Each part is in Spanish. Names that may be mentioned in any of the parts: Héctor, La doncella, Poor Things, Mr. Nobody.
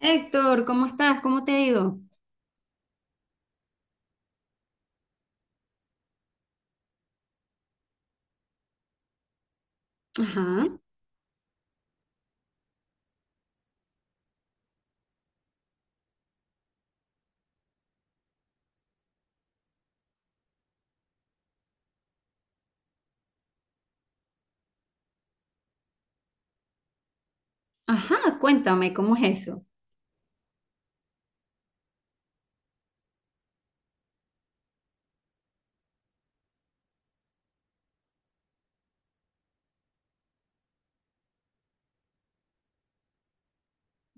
Héctor, ¿cómo estás? ¿Cómo te ha ido? Ajá, ajá, cuéntame, ¿cómo es eso?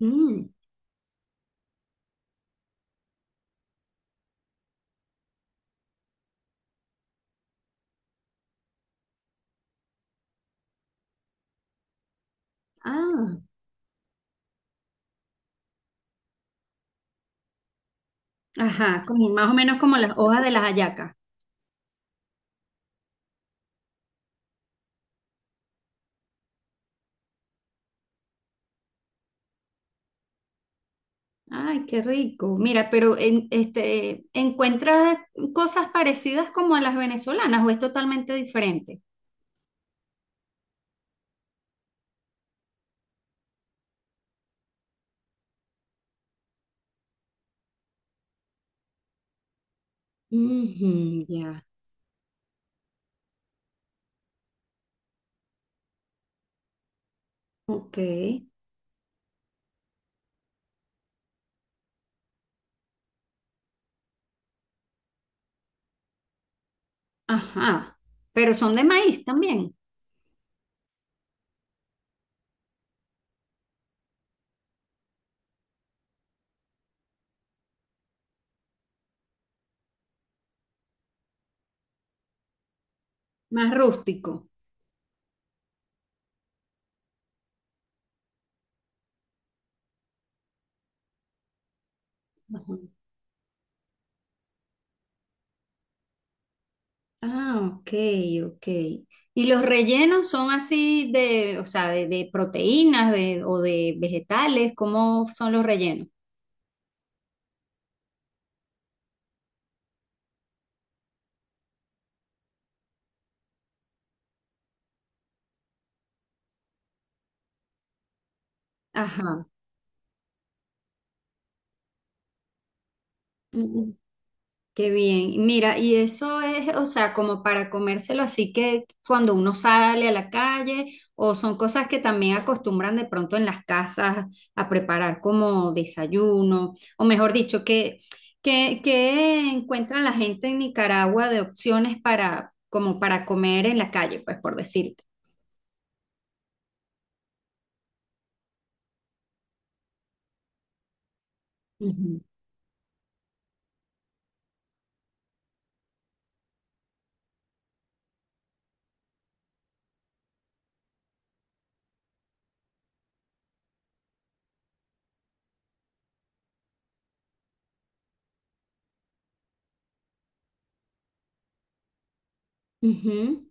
Mm, ah, ajá, como más o menos como las hojas de las hallacas. Ay, qué rico. Mira, pero este, ¿encuentras cosas parecidas como a las venezolanas o es totalmente diferente? Ujú, ya, ok, ajá. Pero son de maíz también, más rústico. Ajá. Ah, ok, ok. ¿Y los rellenos son así de, o sea, de proteínas de, o de vegetales? ¿Cómo son los rellenos? Ajá. Qué bien. Mira, y eso es, o sea, como para comérselo así que cuando uno sale a la calle, o son cosas que también acostumbran de pronto en las casas a preparar como desayuno, o mejor dicho, que encuentra la gente en Nicaragua de opciones para, como para comer en la calle, pues por decirte. Ujú. Ujú.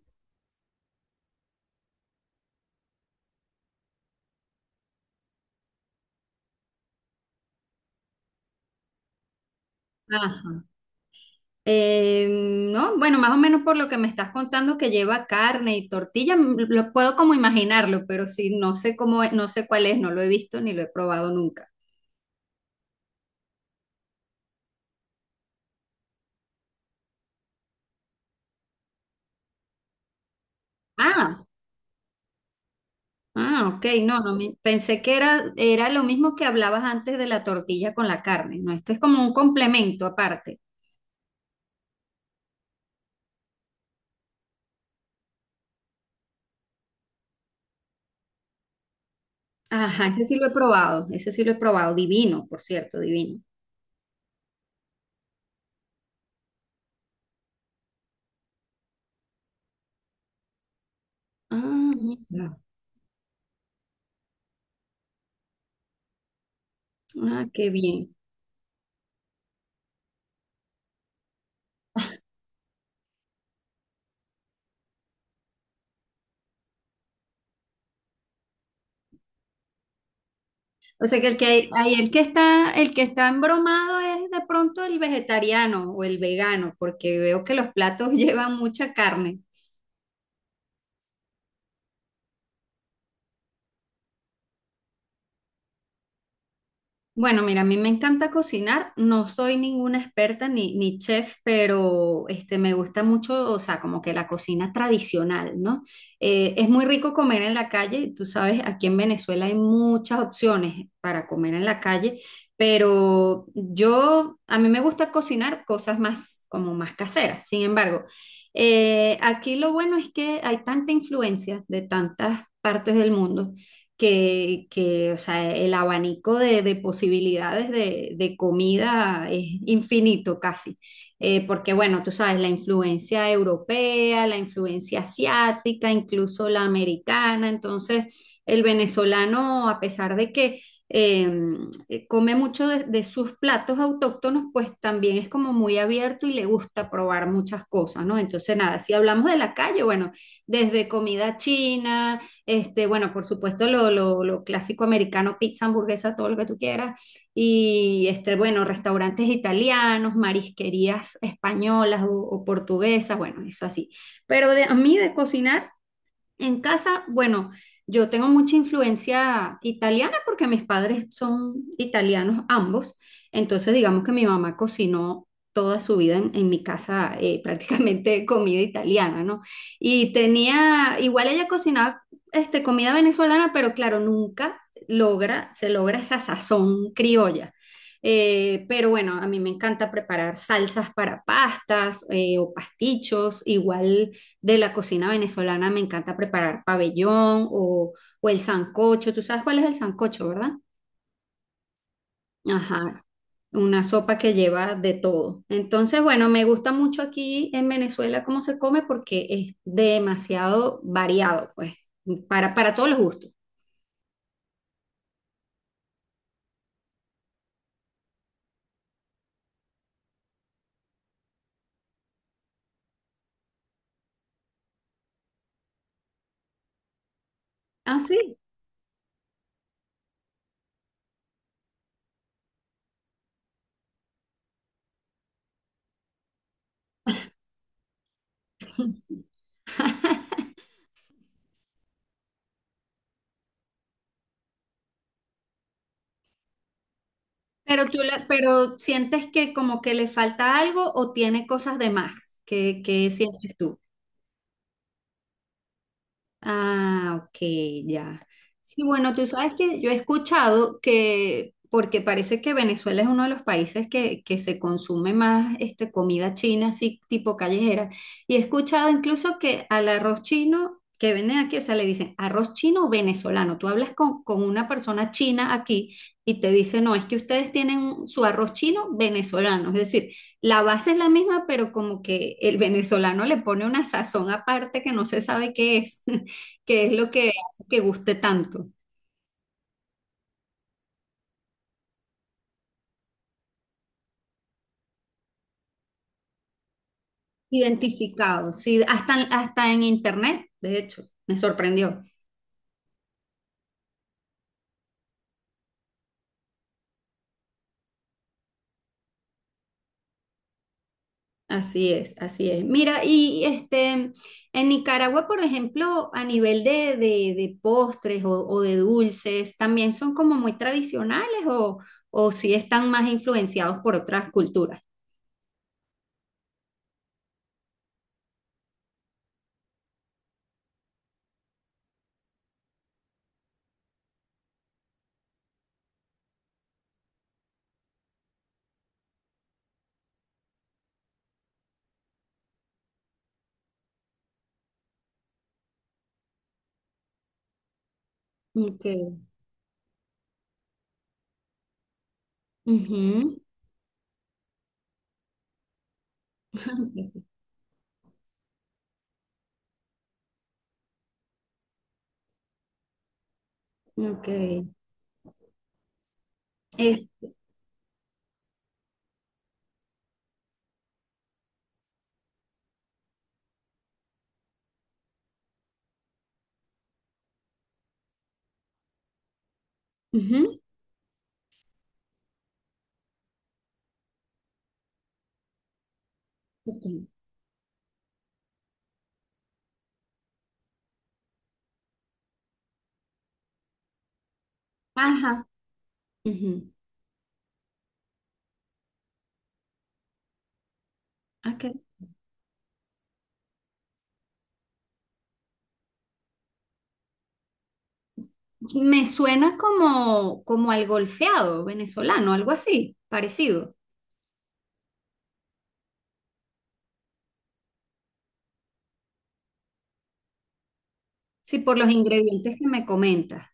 Ajá. Eh, no, bueno, más o menos por lo que me estás contando que lleva carne y tortilla, lo puedo como imaginarlo, pero sí, no sé cómo, no sé cuál es, no lo he visto ni lo he probado nunca. Ah, ah, ok, no, no, pensé que era lo mismo que hablabas antes de la tortilla con la carne, ¿no? Este es como un complemento aparte. Ajá, ese sí lo he probado, ese sí lo he probado, divino, por cierto, divino. Ah, mira, ah, qué bien. O sea que el que ahí el que está embromado es de pronto el vegetariano o el vegano, porque veo que los platos llevan mucha carne. Bueno, mira, a mí me encanta cocinar, no soy ninguna experta ni chef, pero este, me gusta mucho, o sea, como que la cocina tradicional, ¿no? Es muy rico comer en la calle, tú sabes, aquí en Venezuela hay muchas opciones para comer en la calle, pero yo, a mí me gusta cocinar cosas más, como más caseras, sin embargo, aquí lo bueno es que hay tanta influencia de tantas partes del mundo o sea, el abanico de, posibilidades de comida es infinito casi. Porque bueno, tú sabes, la influencia europea, la influencia asiática, incluso la americana, entonces el venezolano, a pesar de que come mucho de sus platos autóctonos, pues también es como muy abierto y le gusta probar muchas cosas, ¿no? Entonces, nada, si hablamos de la calle, bueno, desde comida china, este, bueno, por supuesto, lo clásico americano, pizza, hamburguesa, todo lo que tú quieras. Y este, bueno, restaurantes italianos, marisquerías españolas o portuguesas, bueno, eso así. Pero a mí de cocinar en casa, bueno, yo tengo mucha influencia italiana porque mis padres son italianos ambos, entonces digamos que mi mamá cocinó toda su vida en mi casa prácticamente comida italiana, ¿no? Y tenía, igual ella cocinaba este, comida venezolana, pero claro, nunca se logra esa sazón criolla. Pero bueno, a mí me encanta preparar salsas para pastas o pastichos, igual de la cocina venezolana me encanta preparar pabellón o el sancocho. Tú sabes cuál es el sancocho, ¿verdad? Ajá, una sopa que lleva de todo. Entonces, bueno, me gusta mucho aquí en Venezuela cómo se come porque es demasiado variado, pues, para todos los gustos. Ah, sí. Pero sientes que como que le falta algo o tiene cosas de más. ¿Qué sientes tú? Ah, ok, ya. Sí, bueno, tú sabes que yo he escuchado que, porque parece que Venezuela es uno de los países que se consume más este, comida china, así tipo callejera, y he escuchado incluso que al arroz chino que venden aquí, o sea, le dicen arroz chino venezolano. Tú hablas con una persona china aquí y te dice, no, es que ustedes tienen su arroz chino venezolano, es decir, la base es la misma, pero como que el venezolano le pone una sazón aparte que no se sabe qué es que es lo que hace que guste tanto. Identificado, sí, hasta en internet, de hecho, me sorprendió. Así es, así es. Mira, y este, en Nicaragua, por ejemplo, a nivel de postres o de dulces, ¿también son como muy tradicionales o si están más influenciados por otras culturas? Ok. Ujú. Ok. Es, Ujú, ok. Ajá. Ujú, ok. Me suena como al golfeado venezolano, algo así, parecido. Sí, por los ingredientes que me comentas.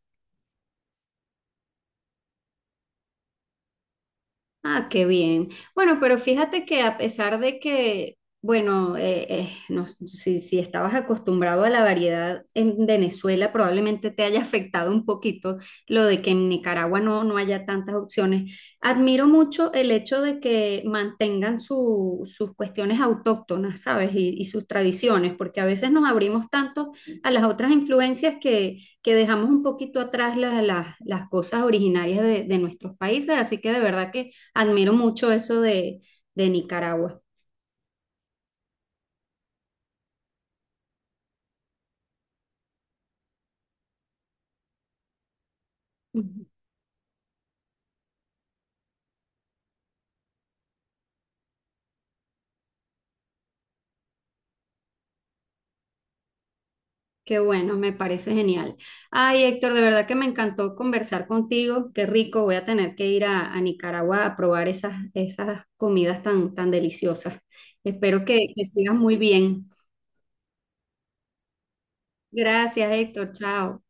Ah, qué bien. Bueno, pero fíjate que a pesar de que, bueno, no, si estabas acostumbrado a la variedad en Venezuela, probablemente te haya afectado un poquito lo de que en Nicaragua no haya tantas opciones. Admiro mucho el hecho de que mantengan sus cuestiones autóctonas, ¿sabes? Y sus tradiciones, porque a veces nos abrimos tanto a las otras influencias que dejamos un poquito atrás las cosas originarias de, nuestros países. Así que de verdad que. Admiro mucho eso de Nicaragua. Ujú. Qué bueno, me parece genial. Ay, Héctor, de verdad que me encantó conversar contigo. Qué rico, voy a tener que ir a Nicaragua a probar esas comidas tan, tan deliciosas. Espero que sigas muy bien. Gracias, Héctor. Chao.